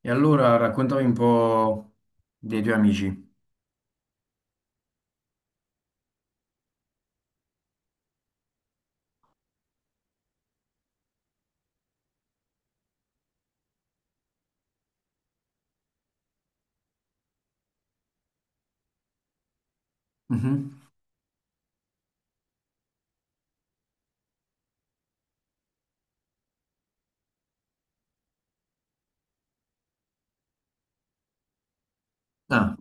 E allora raccontami un po' dei tuoi amici. Mhm. Ah,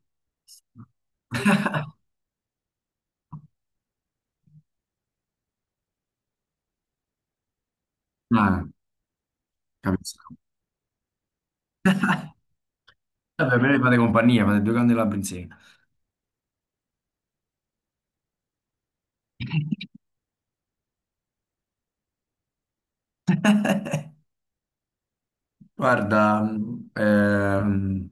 ah, capisco. Vabbè, me ne fate compagnia, fate due cani e la prinsesa. Guarda,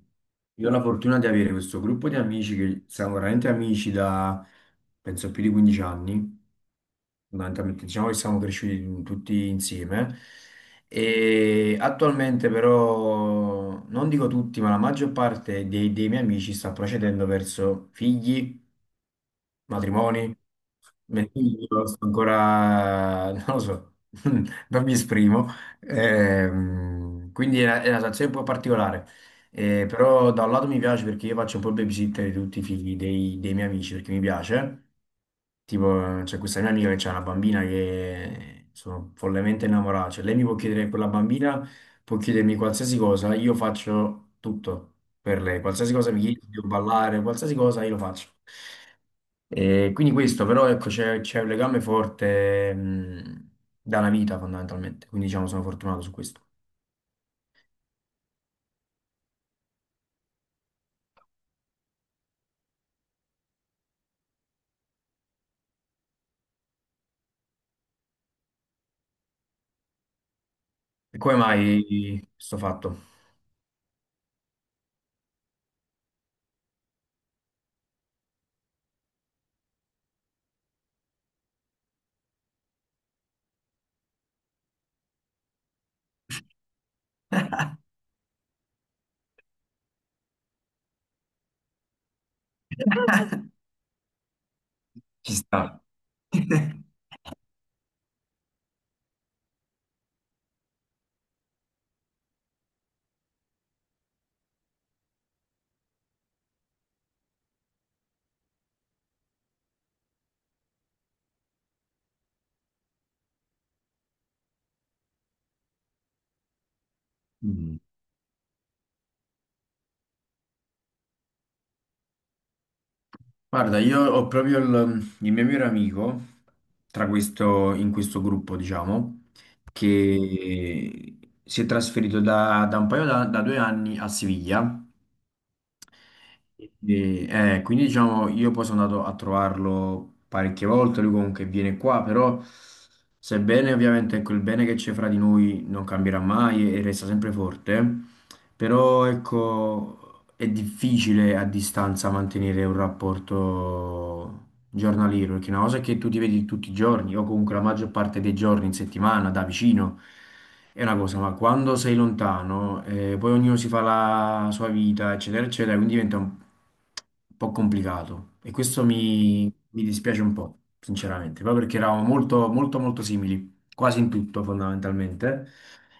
io ho la fortuna di avere questo gruppo di amici che siamo veramente amici da, penso, più di 15 anni. Fondamentalmente diciamo che siamo cresciuti tutti insieme e attualmente però non dico tutti ma la maggior parte dei miei amici sta procedendo verso figli, matrimoni, io sto ancora non lo so, non mi esprimo. Quindi è è una situazione un po' particolare. Però da un lato mi piace perché io faccio un po' il babysitter di tutti i figli dei miei amici perché mi piace. Tipo, c'è questa mia amica che c'ha una bambina che sono follemente innamorata. Cioè, lei mi può chiedere, quella bambina può chiedermi qualsiasi cosa, io faccio tutto per lei. Qualsiasi cosa mi Mm. chiede, devo ballare, qualsiasi cosa, io lo faccio. E quindi questo, però, ecco, c'è un legame forte, dalla vita, fondamentalmente. Quindi, diciamo, sono fortunato su questo. E come mai sto fatto? Ci sta. Mm. Guarda, io ho proprio il mio migliore amico tra questo, in questo gruppo, diciamo, che si è trasferito da, da un paio da, da due anni a Siviglia. E, quindi, diciamo, io poi sono andato a trovarlo parecchie volte. Lui comunque viene qua, però, sebbene ovviamente ecco, il bene che c'è fra di noi non cambierà mai e resta sempre forte, però ecco, è difficile a distanza mantenere un rapporto giornaliero, perché una cosa è che tu ti vedi tutti i giorni, o comunque la maggior parte dei giorni in settimana, da vicino, è una cosa, ma quando sei lontano, poi ognuno si fa la sua vita, eccetera, eccetera, quindi diventa un po' complicato. E questo mi dispiace un po', sinceramente, proprio perché eravamo molto, molto, molto simili, quasi in tutto fondamentalmente.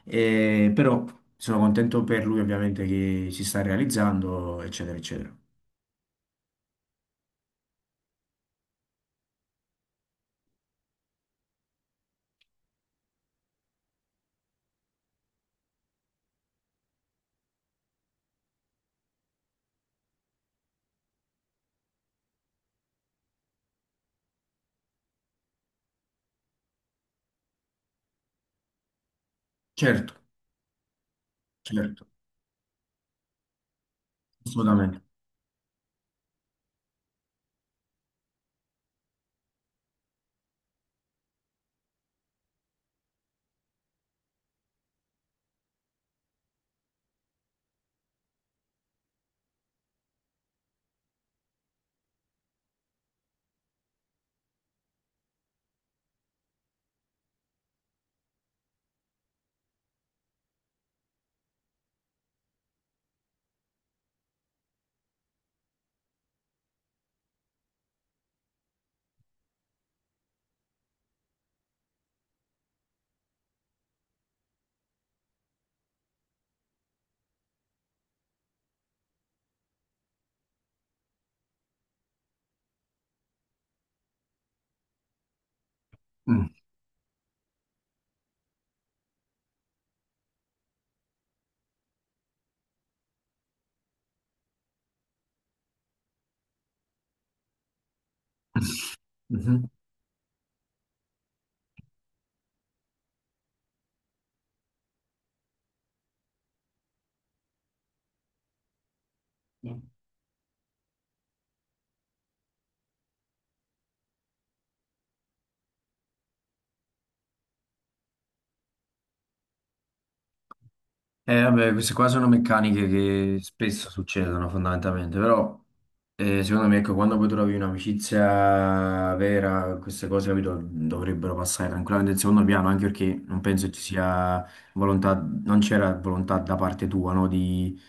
Però sono contento per lui ovviamente che si sta realizzando, eccetera, eccetera. Certo, certo, assolutamente. Mm. Mhm. Vabbè, queste qua sono meccaniche che spesso succedono fondamentalmente, però secondo me ecco, quando poi trovi un'amicizia vera, queste cose, capito, dovrebbero passare tranquillamente in secondo piano, anche perché non penso ci sia volontà, non c'era volontà da parte tua, no,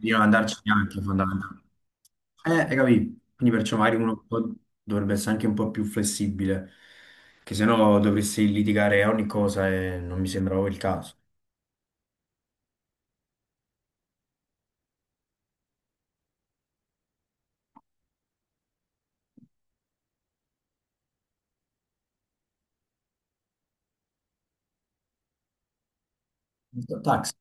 di non andarci neanche fondamentalmente. Hai capito? Quindi perciò magari uno un po' dovrebbe essere anche un po' più flessibile, che sennò dovresti litigare a ogni cosa e non mi sembra proprio il caso. Taxi.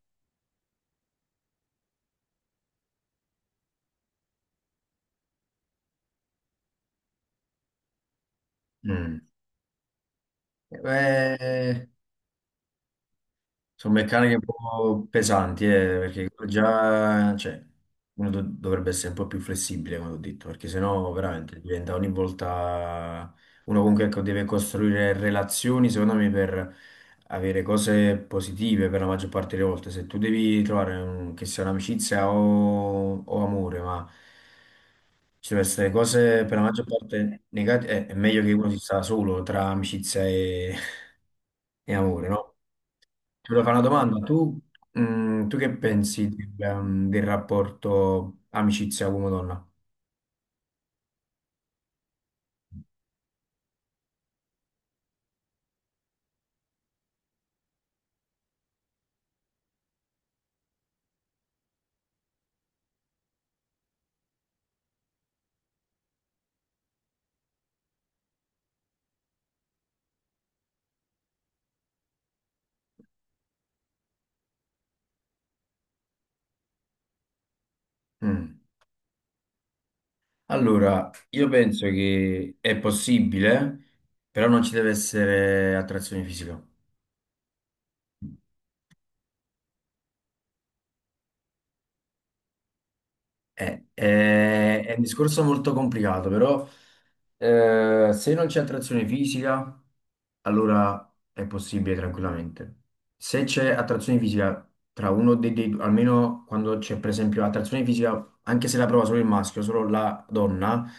Mm. Beh, sono meccaniche un po' pesanti, perché già, cioè, dovrebbe essere un po' più flessibile, come ho detto, perché sennò veramente diventa ogni volta uno comunque ecco, deve costruire relazioni, secondo me, per avere cose positive per la maggior parte delle volte. Se tu devi trovare che sia un'amicizia o amore, ma ci devono essere cose per la maggior parte negative, è meglio che uno si sta solo tra amicizia e amore, no? Ti volevo fare una domanda, tu, mm, tu che pensi del, del rapporto amicizia uomo-donna? Mm. Allora, io penso che è possibile, però non ci deve essere attrazione fisica. È un discorso molto complicato, però se non c'è attrazione fisica, allora è possibile tranquillamente. Se c'è attrazione fisica tra uno dei due, almeno quando c'è per esempio attrazione fisica, anche se la prova solo il maschio, solo la donna,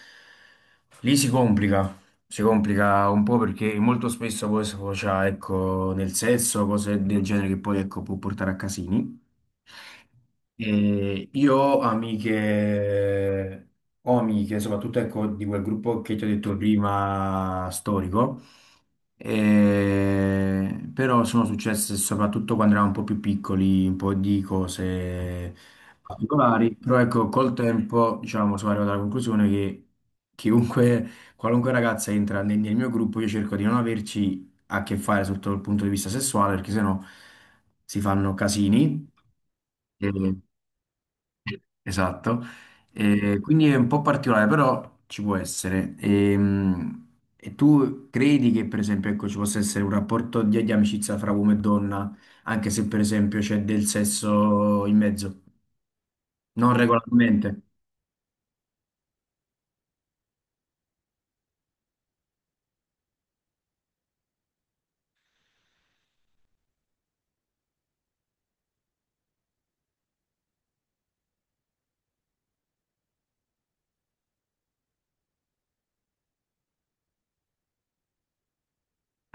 lì si complica un po' perché molto spesso poi sfocia, ecco, nel sesso, cose del genere che poi, ecco, può portare a casini. E io ho amiche, soprattutto ecco, di quel gruppo che ti ho detto prima, storico, però sono successe soprattutto quando eravamo un po' più piccoli, un po' di cose particolari, però ecco, col tempo, diciamo, sono arrivato alla conclusione che chiunque qualunque ragazza entra nel mio gruppo, io cerco di non averci a che fare sotto il punto di vista sessuale, perché sennò si fanno casini. E- Esatto. E quindi è un po' particolare, però ci può essere. E tu credi che, per esempio, ecco, ci possa essere un rapporto di amicizia fra uomo e donna, anche se, per esempio, c'è del sesso in mezzo? Non regolarmente.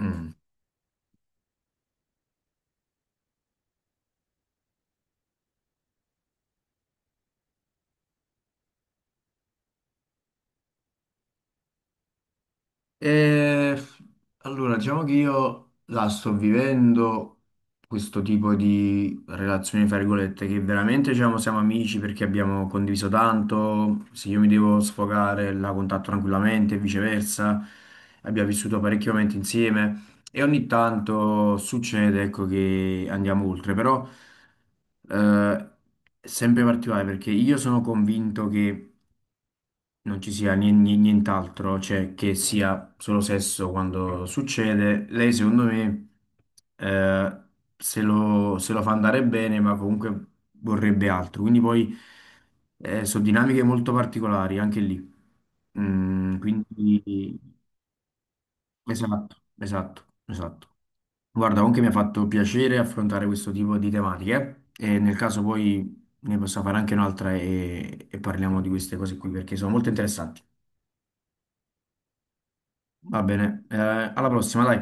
Mm. E, allora, diciamo che io la sto vivendo questo tipo di relazioni, fra virgolette, che veramente diciamo, siamo amici perché abbiamo condiviso tanto, se io mi devo sfogare la contatto tranquillamente e viceversa, abbiamo vissuto parecchi momenti insieme e ogni tanto succede, ecco, che andiamo oltre, però eh, è sempre particolare perché io sono convinto che non ci sia nient'altro, cioè che sia solo sesso quando succede. Lei, secondo me, eh, se lo fa andare bene, ma comunque vorrebbe altro. Quindi poi sono dinamiche molto particolari anche lì. Mm, quindi esatto, esatto, esatto. Guarda, comunque mi ha fatto piacere affrontare questo tipo di tematiche. E nel caso poi ne posso fare anche un'altra e parliamo di queste cose qui perché sono molto interessanti. Va bene, alla prossima, dai.